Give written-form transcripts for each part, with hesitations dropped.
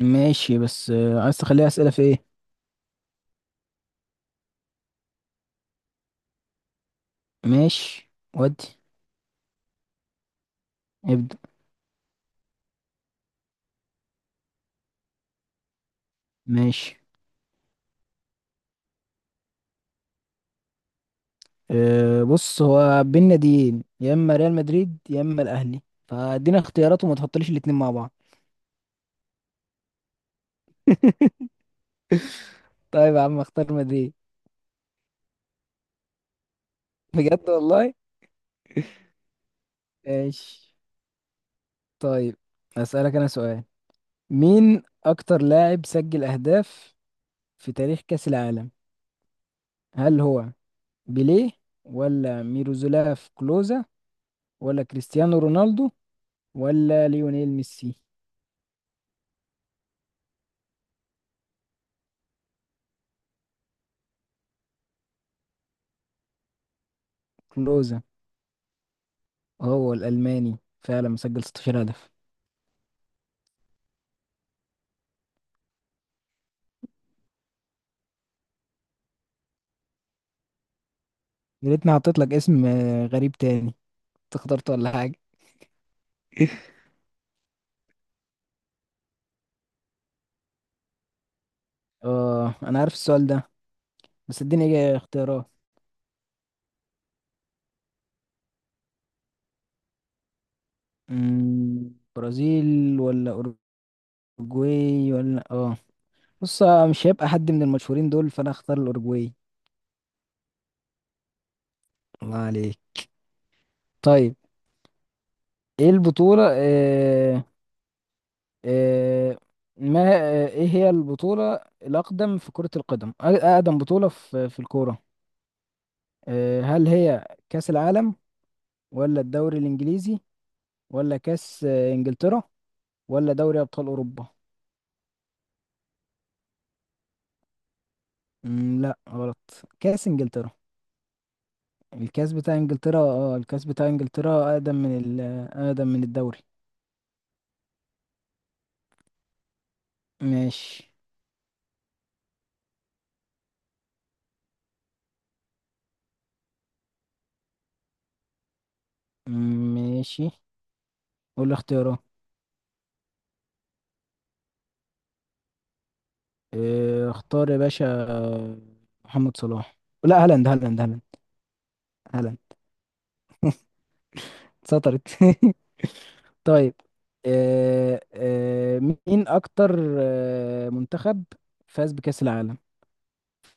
ماشي، بس عايز تخليها أسئلة في ايه؟ ماشي. ودي. ابدأ. ماشي. أه، بص هو بينا ناديين، يا اما ريال مدريد يا اما الاهلي. فادينا اختيارات وما تحطليش الاتنين مع بعض. طيب يا عم، اختار مدريد. بجد والله؟ ماشي. طيب، اسألك انا سؤال. مين اكتر لاعب سجل اهداف في تاريخ كأس العالم؟ هل هو بيليه، ولا ميروزولاف كلوزا، ولا كريستيانو رونالدو، ولا ليونيل ميسي؟ كلوزا. هو الألماني، فعلا مسجل 16 هدف. يا ريتني حطيت لك اسم غريب تاني. انت اخترته ولا حاجة؟ اه، أنا عارف السؤال ده، بس اديني اختيارات. برازيل ولا أوروجواي ولا اه، بص، مش هيبقى حد من المشهورين دول، فأنا اختار الأوروجواي. الله عليك. طيب، ايه البطولة آه آه ما آه، ايه هي البطولة الأقدم في كرة القدم؟ أقدم بطولة في الكورة. هل هي كأس العالم، ولا الدوري الانجليزي، ولا كاس انجلترا، ولا دوري ابطال اوروبا؟ مم. لا، غلط. كاس انجلترا. الكاس بتاع انجلترا اقدم من اقدم من الدوري. ماشي. مم، ماشي. قول لي اختيارات. اختار يا باشا، محمد صلاح. لا، هالاند هالاند هالاند. هالاند. سطرت. طيب، مين اكتر منتخب فاز بكأس العالم؟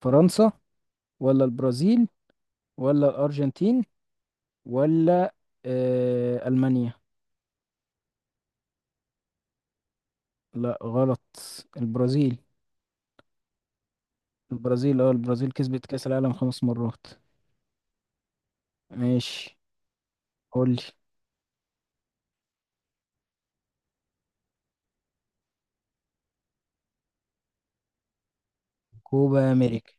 فرنسا، ولا البرازيل، ولا الأرجنتين، ولا ألمانيا؟ لا، غلط. البرازيل. البرازيل كسبت كأس العالم خمس مرات. ماشي. قولي. كوبا أمريكا.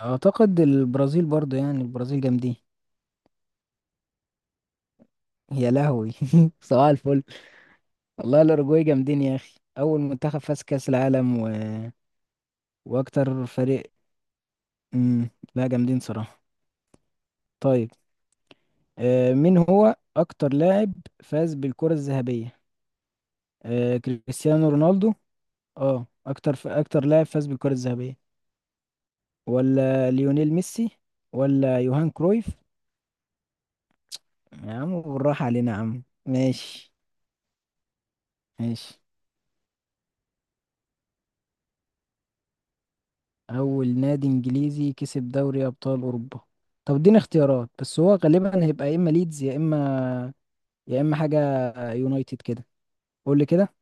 أعتقد البرازيل برضه، يعني البرازيل جامدين. يا لهوي. صباح الفل. والله الأوروجواي جامدين يا أخي، أول منتخب فاز كأس العالم وأكتر فريق. مم. لا، جامدين صراحة. طيب، آه مين هو أكتر لاعب فاز بالكرة الذهبية؟ آه كريستيانو رونالدو. اه، اكتر لاعب فاز بالكرة الذهبية، ولا ليونيل ميسي، ولا يوهان كرويف؟ يا عم بالراحة علينا يا عم، ماشي. ماشي. اول نادي انجليزي كسب دوري ابطال اوروبا. طب اديني اختيارات، بس هو غالبا هيبقى يا اما ليدز يا اما حاجة، يونايتد كده. قول لي كده.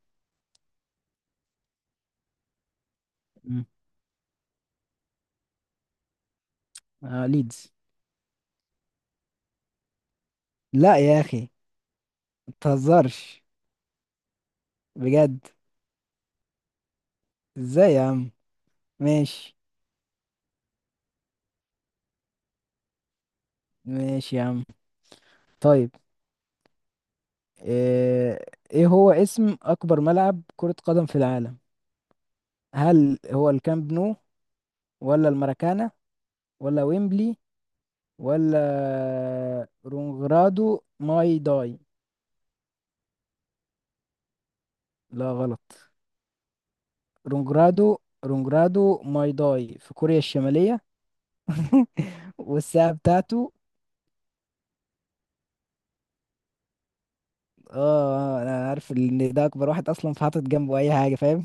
مم. آه، ليدز. لا يا اخي، متهزرش، بجد. ازاي يا عم؟ ماشي، ماشي يا عم. طيب. آه، ايه هو اسم اكبر ملعب كرة قدم في العالم؟ هل هو الكامب نو، ولا الماراكانا، ولا ويمبلي، ولا رونجرادو ماي داي؟ لا، غلط. رونجرادو. رونجرادو ماي داي في كوريا الشمالية. والساعة بتاعته. اه، انا عارف ان ده اكبر واحد اصلا، فحاطط جنبه اي حاجة، فاهم؟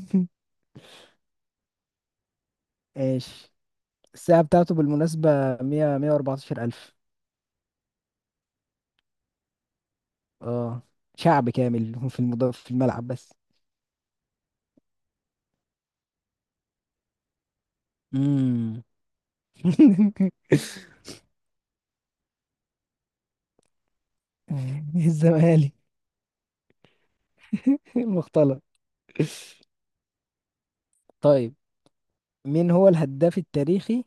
ايش. الساعة بتاعته بالمناسبة مية واربعتاشر الف. اه، شعب كامل في المضاف في الملعب بس. امم الزمالك المختلط. طيب، مين هو الهداف التاريخي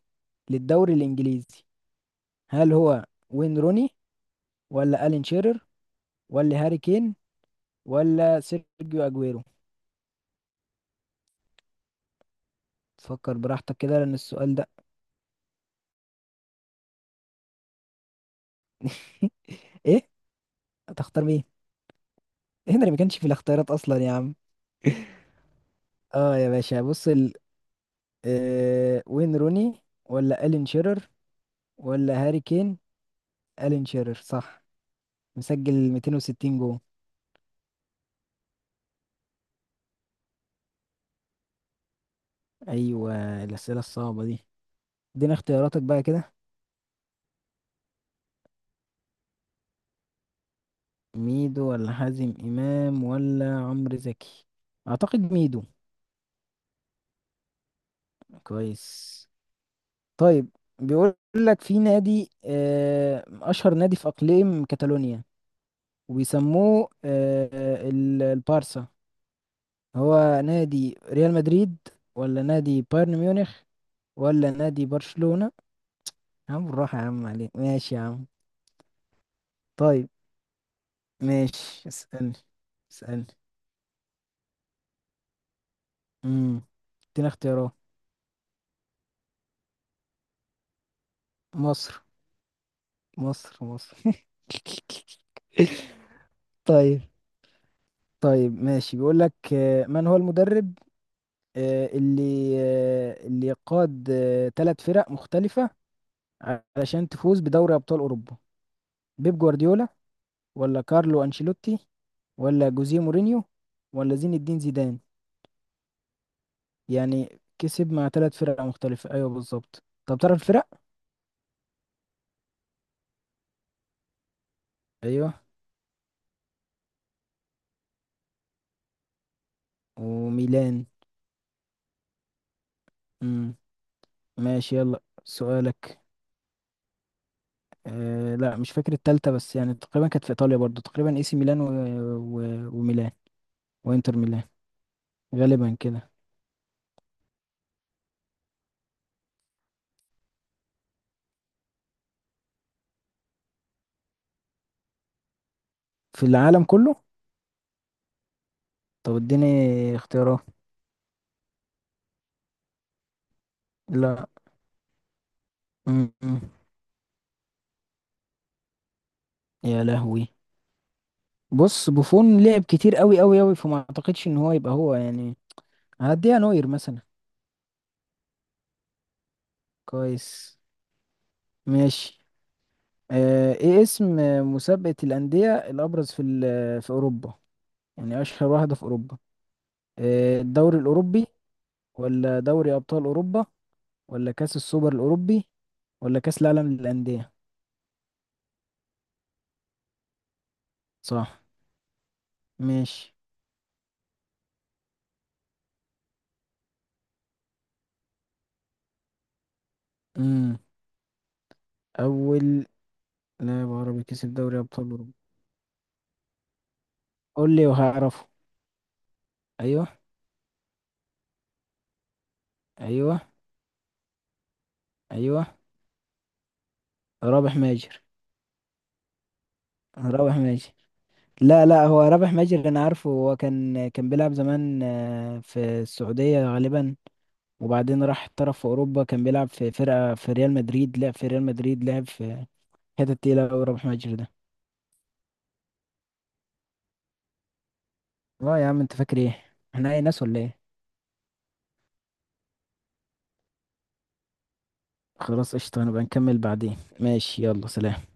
للدوري الإنجليزي؟ هل هو وين روني، ولا ألين شيرر، ولا هاري كين، ولا سيرجيو أجويرو؟ تفكر براحتك كده، لأن السؤال ده. إيه. هتختار مين؟ هنري ما كانش في الاختيارات أصلا يا عم. اه يا باشا، بص وين روني، ولا ألين شيرر، ولا هاري كين؟ ألين شيرر صح. مسجل 260 جول. ايوه، الاسئله الصعبه دي، ادينا اختياراتك بقى كده. ميدو ولا حازم امام ولا عمرو زكي؟ اعتقد ميدو. كويس. طيب، بيقول لك في نادي، اشهر نادي في اقليم كاتالونيا، وبيسموه البارسا. هو نادي ريال مدريد، ولا نادي بايرن ميونخ، ولا نادي برشلونة؟ يا عم بالراحة يا عم عليك، ماشي يا عم. طيب، ماشي. اسألني، اسألني. امم ادينا اختيارات. مصر. مصر مصر. طيب، طيب، ماشي. بيقول لك، من هو المدرب، اللي قاد ثلاث فرق مختلفة علشان تفوز بدوري أبطال أوروبا؟ بيب جوارديولا، ولا كارلو أنشيلوتي، ولا جوزيه مورينيو، ولا زين الدين زيدان؟ يعني كسب مع ثلاث فرق مختلفة، أيوه بالظبط. طب تعرف الفرق؟ أيوه. وميلان. امم. ماشي، يلا سؤالك. آه لا، مش فاكر التالتة، بس يعني تقريبا كانت في ايطاليا برضو، تقريبا اي سي ميلان وميلان. وانتر ميلان. غالبا كده. في العالم كله. طب اديني اختيارات. لا. م -م. يا لهوي. بص بوفون لعب كتير قوي قوي قوي، فما اعتقدش ان هو يبقى هو، يعني هديها نوير مثلا. كويس. ماشي. آه، ايه اسم مسابقة الأندية الأبرز في في أوروبا؟ يعني أشهر واحدة في أوروبا. الدوري الأوروبي، ولا دوري أبطال أوروبا، ولا كأس السوبر الأوروبي، ولا كأس العالم للأندية؟ صح. ماشي. امم أول لاعب عربي كسب دوري أبطال أوروبا. قول لي وهعرفه. أيوه. أيوه. أيوه. رابح ماجر. رابح ماجر. لا لا، هو رابح ماجر أنا عارفه. هو كان بيلعب زمان في السعودية غالبا، وبعدين راح احترف في أوروبا. كان بيلعب في فرقة في ريال مدريد، لعب في ريال مدريد، لعب في حتة تقيلة أوي. رابح ماجر ده. اه يا عم، أنت فاكر إيه؟ إحنا أي ناس ولا إيه؟ خلاص قشطة، هنبقى نكمل بعدين. ماشي، يلا سلام.